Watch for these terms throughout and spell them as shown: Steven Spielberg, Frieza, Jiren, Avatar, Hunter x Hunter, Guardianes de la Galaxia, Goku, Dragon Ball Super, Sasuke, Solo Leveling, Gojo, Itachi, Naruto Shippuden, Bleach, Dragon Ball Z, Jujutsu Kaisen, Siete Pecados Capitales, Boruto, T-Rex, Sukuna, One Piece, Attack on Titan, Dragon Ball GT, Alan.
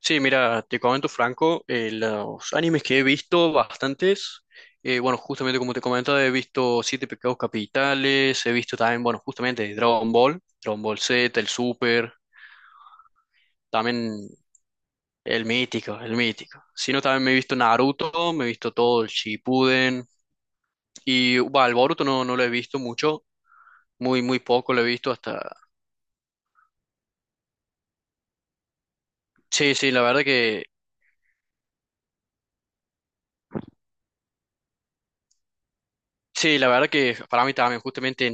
Sí, mira, te comento Franco, los animes que he visto, bastantes, bueno, justamente como te comentaba, he visto Siete Pecados Capitales, he visto también, bueno, justamente Dragon Ball, Dragon Ball Z, el Super, también el mítico, el mítico. Si no, también me he visto Naruto, me he visto todo el Shippuden, y bueno, el Boruto no, no lo he visto mucho, muy, muy poco lo he visto hasta... Sí, sí, la verdad que... Sí, la verdad que para mí también, justamente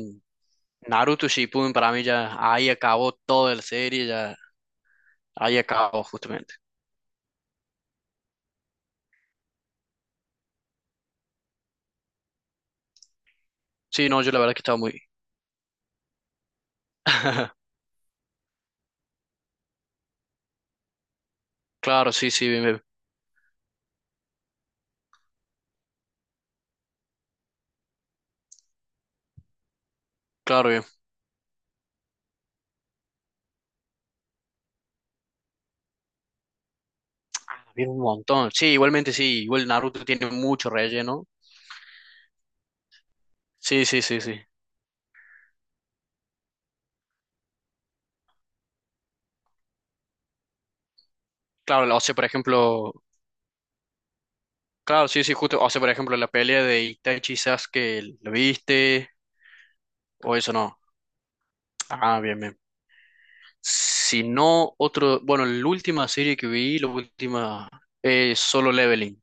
Naruto Shippuden para mí ya ahí acabó toda la serie, ya ahí acabó justamente. Sí, no, yo la verdad que estaba muy... Claro, sí, sí, bien, bien. Claro, bien. Ah, bien un montón. Sí, igualmente sí, igual Naruto tiene mucho relleno. Sí, sí, sí, sí. Claro, o sea, por ejemplo, claro, sí, sí, justo, o sea, por ejemplo, la pelea de Itachi y Sasuke, ¿lo viste? O eso no. Ah, bien, bien. Si no, otro, bueno, la última serie que vi, la última, es Solo Leveling.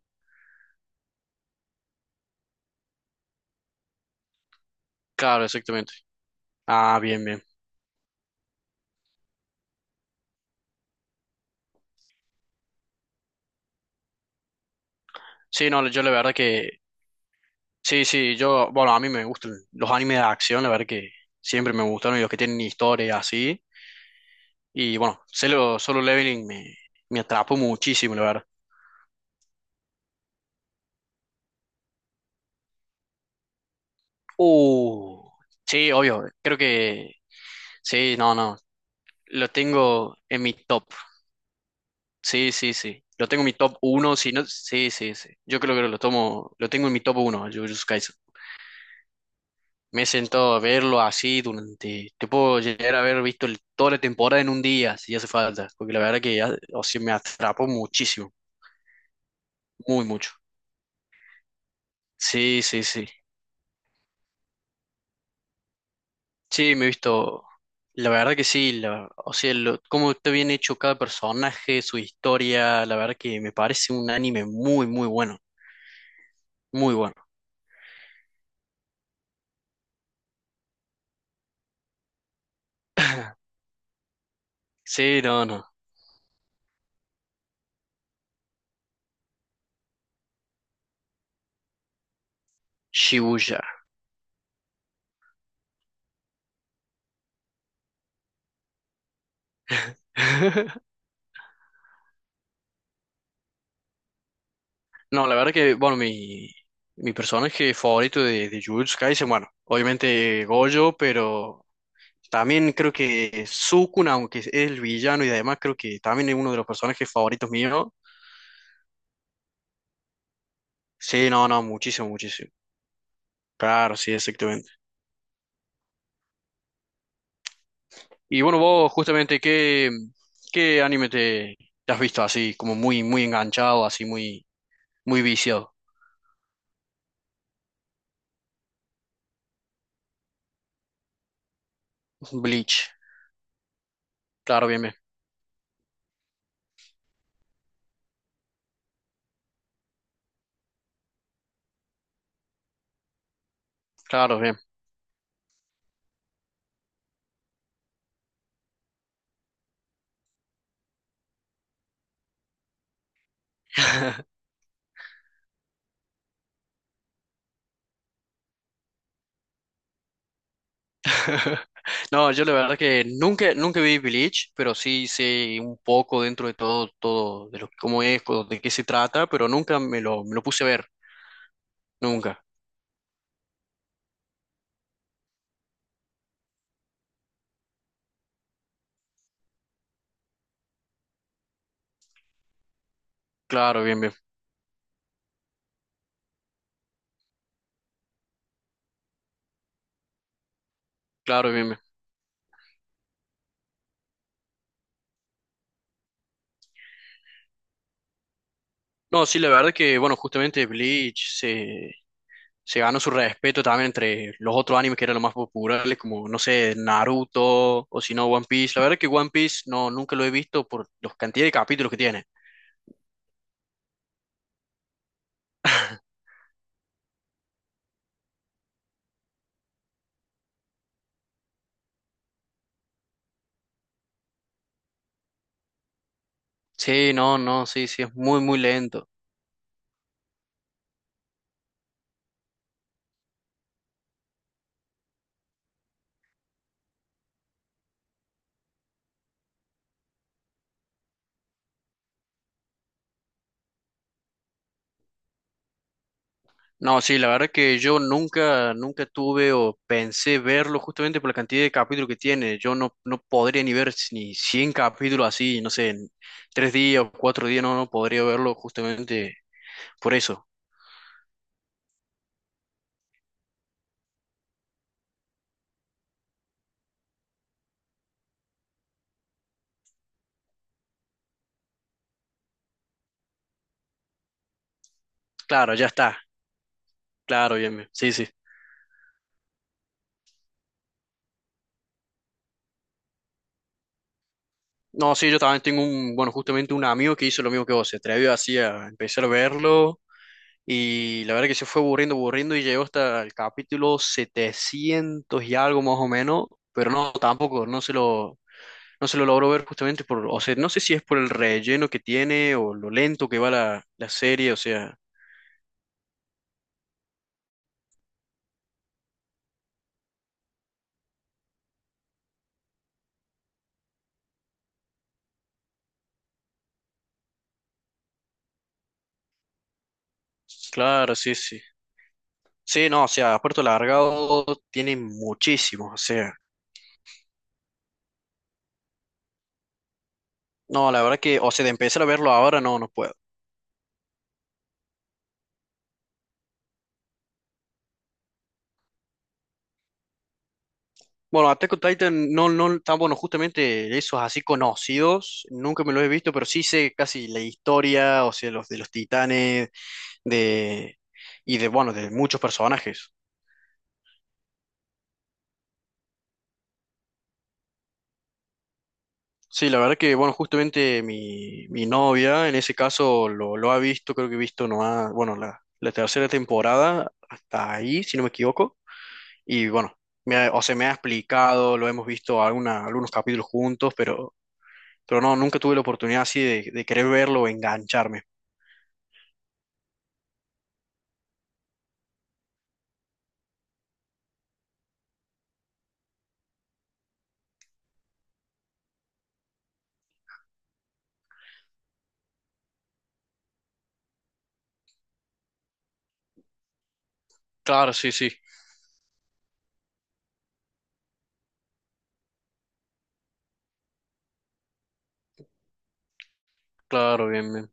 Claro, exactamente. Ah, bien, bien. Sí, no, yo la verdad que, sí, sí, yo, bueno, a mí me gustan los animes de acción, la verdad que siempre me gustaron y los que tienen historia así. Y bueno, Solo Leveling me atrapó muchísimo, la verdad. Uh, sí, obvio, creo que, sí, no, no, lo tengo en mi top, sí, sí, sí, lo tengo en mi top uno, si no, sí, sí, sí, yo creo que lo tomo, lo tengo en mi top uno, Jujutsu Kaisen. Me he sentado a verlo así durante, te puedo llegar a haber visto el toda la temporada en un día, si hace falta, porque la verdad que ya o sea, me atrapó muchísimo, muy mucho. Sí, sí, sí. Sí, me he visto, la verdad que sí, la o sea, lo cómo está bien hecho cada personaje, su historia, la verdad que me parece un anime muy, muy bueno, muy bueno. Sí, no, no, Shibuya. No, la verdad que, bueno, mi personaje favorito de Jujutsu Kaisen, bueno, obviamente Gojo, pero también creo que Sukuna, aunque es el villano y además creo que también es uno de los personajes favoritos míos. Sí, no, no, muchísimo, muchísimo. Claro, sí, exactamente. Y bueno, vos justamente, ¿qué, qué anime te, te has visto así, como muy, muy enganchado, así muy, muy viciado? Bleach. Claro, bien, bien. Claro, bien. No, yo la verdad que nunca, nunca vi Bleach, pero sí sé un poco dentro de todo, todo, de lo, cómo es, co- de qué se trata, pero nunca me lo, me lo puse a ver, nunca. Claro, bien, bien, claro, bien, bien. No, sí, la verdad que, bueno, justamente se ganó su respeto también entre los otros animes que eran los más populares, como, no sé, Naruto o si no, One Piece. La verdad que One Piece no, nunca lo he visto por la cantidad de capítulos que tiene. Sí, no, no, sí, sí, es muy, muy lento. No, sí, la verdad que yo nunca, nunca tuve o pensé verlo justamente por la cantidad de capítulos que tiene. Yo no, no podría ni ver si- ni 100 capítulos así, no sé, en tres días o cuatro días, no, no podría verlo justamente por eso. Claro, ya está. Claro, bien, bien. Sí, sí. No, sí, yo también tengo un, bueno, justamente un amigo que hizo lo mismo que vos, se atrevió así a empezar a verlo. Y la verdad que se fue aburriendo, aburriendo y llegó hasta el capítulo 700 y algo más o menos, pero no, tampoco, no se lo, no se lo logró ver justamente por, o sea, no sé si es por el relleno que tiene o lo lento que va la serie, o sea, claro, sí, sí. Sí, no, o sea, Puerto Largado tiene muchísimos, o sea, no, la verdad que, o sea, de empezar a verlo ahora no, no puedo. Bueno, Attack on Titan no, no tan bueno, justamente esos así conocidos, nunca me los he visto, pero sí sé casi la historia, o sea, los de los titanes, de y de bueno, de muchos personajes. Sí, la verdad que bueno, justamente mi novia en ese caso lo ha visto, creo que he visto nomás, bueno, la tercera temporada hasta ahí, si no me equivoco. Y bueno, me ha o sea, me ha explicado, lo hemos visto alguna, algunos capítulos juntos, pero no, nunca tuve la oportunidad así de querer verlo o engancharme. Claro, sí, sí, claro, bien, bien.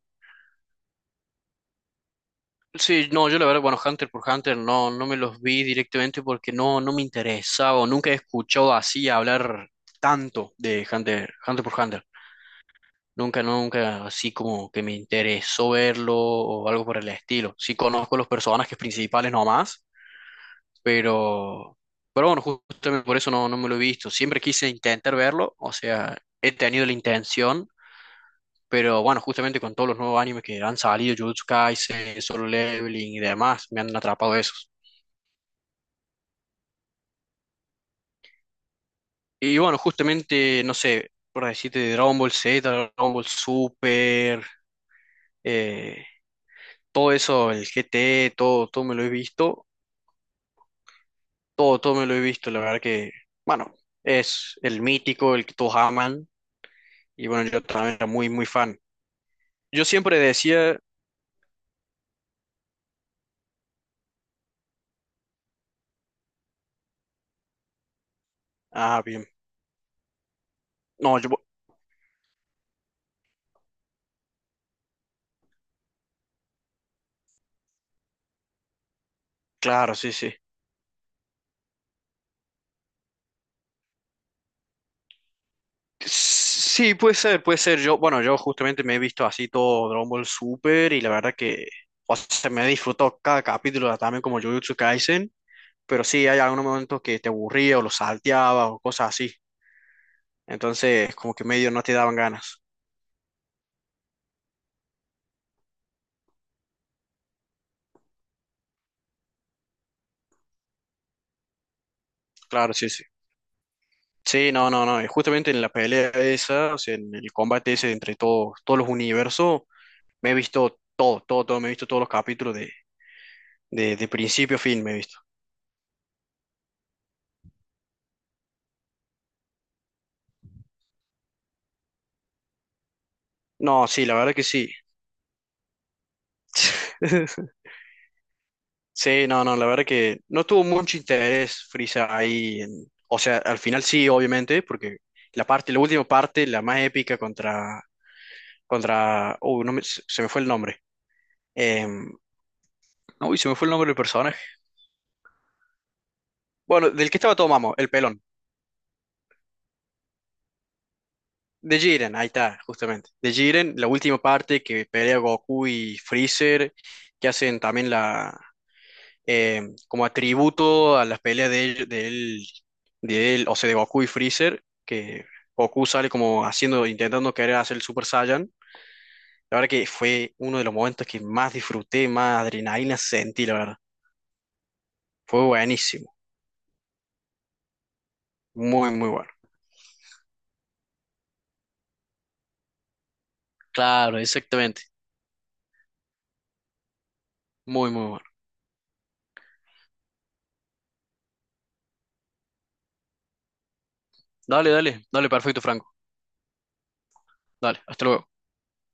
Sí, no, yo la verdad, bueno, Hunter por Hunter no, no me los vi directamente porque no, no me interesaba o nunca he escuchado así hablar tanto de Hunter, Hunter por Hunter. Nunca, nunca, así como que me interesó verlo o algo por el estilo. Sí conozco los personajes principales nomás, pero, pero bueno, justamente por eso no, no me lo he visto. Siempre quise intentar verlo, o sea, he tenido la intención, pero bueno, justamente con todos los nuevos animes que han salido, Jujutsu Kaisen, Solo Leveling y demás, me han atrapado esos. Y bueno, justamente, no sé, por decirte, de Dragon Ball Z, Dragon Ball Super, eh, todo eso, el G T todo, todo me lo he visto, todo, todo me lo he visto, la verdad que, bueno, es el mítico, el que todos aman, y bueno, yo también era muy, muy fan. Yo siempre decía, ah, bien, no, yo, claro, sí, sí. Sí, puede ser, puede ser. Yo, bueno, yo justamente me he visto así todo Dragon Ball Super y la verdad que, o sea, me he disfrutado cada capítulo también como Jujutsu Kaisen, pero sí hay algunos momentos que te aburría o lo salteaba o cosas así. Entonces, como que medio no te daban ganas. Claro, sí, sí. Sí, no, no, no. Y justamente en la pelea esa, o sea, en el combate ese entre todos, todos los universos, me he visto todo, todo, todo, me he visto todos los capítulos de principio a fin, me he visto. No, sí, la verdad que sí. Sí, no, no, la verdad que no tuvo mucho interés Frieza ahí. En- o sea, al final sí, obviamente, porque la parte, la última parte, la más épica contra, contra, uy, no me- se me fue el nombre. Em, uy, se me fue el nombre del personaje. Bueno, del que estaba todo mamo, el pelón. De Jiren, ahí está, justamente. De Jiren, la última parte que pelea Goku y Freezer, que hacen también la eh, como atributo a las peleas de él, de él, de él, o sea, de Goku y Freezer, que Goku sale como haciendo, intentando querer hacer el Super Saiyan. La verdad que fue uno de los momentos que más disfruté, más adrenalina sentí, la verdad. Fue buenísimo, muy, muy bueno. Claro, exactamente, muy, muy bueno. Dale, dale, dale, perfecto, Franco. Dale, hasta luego.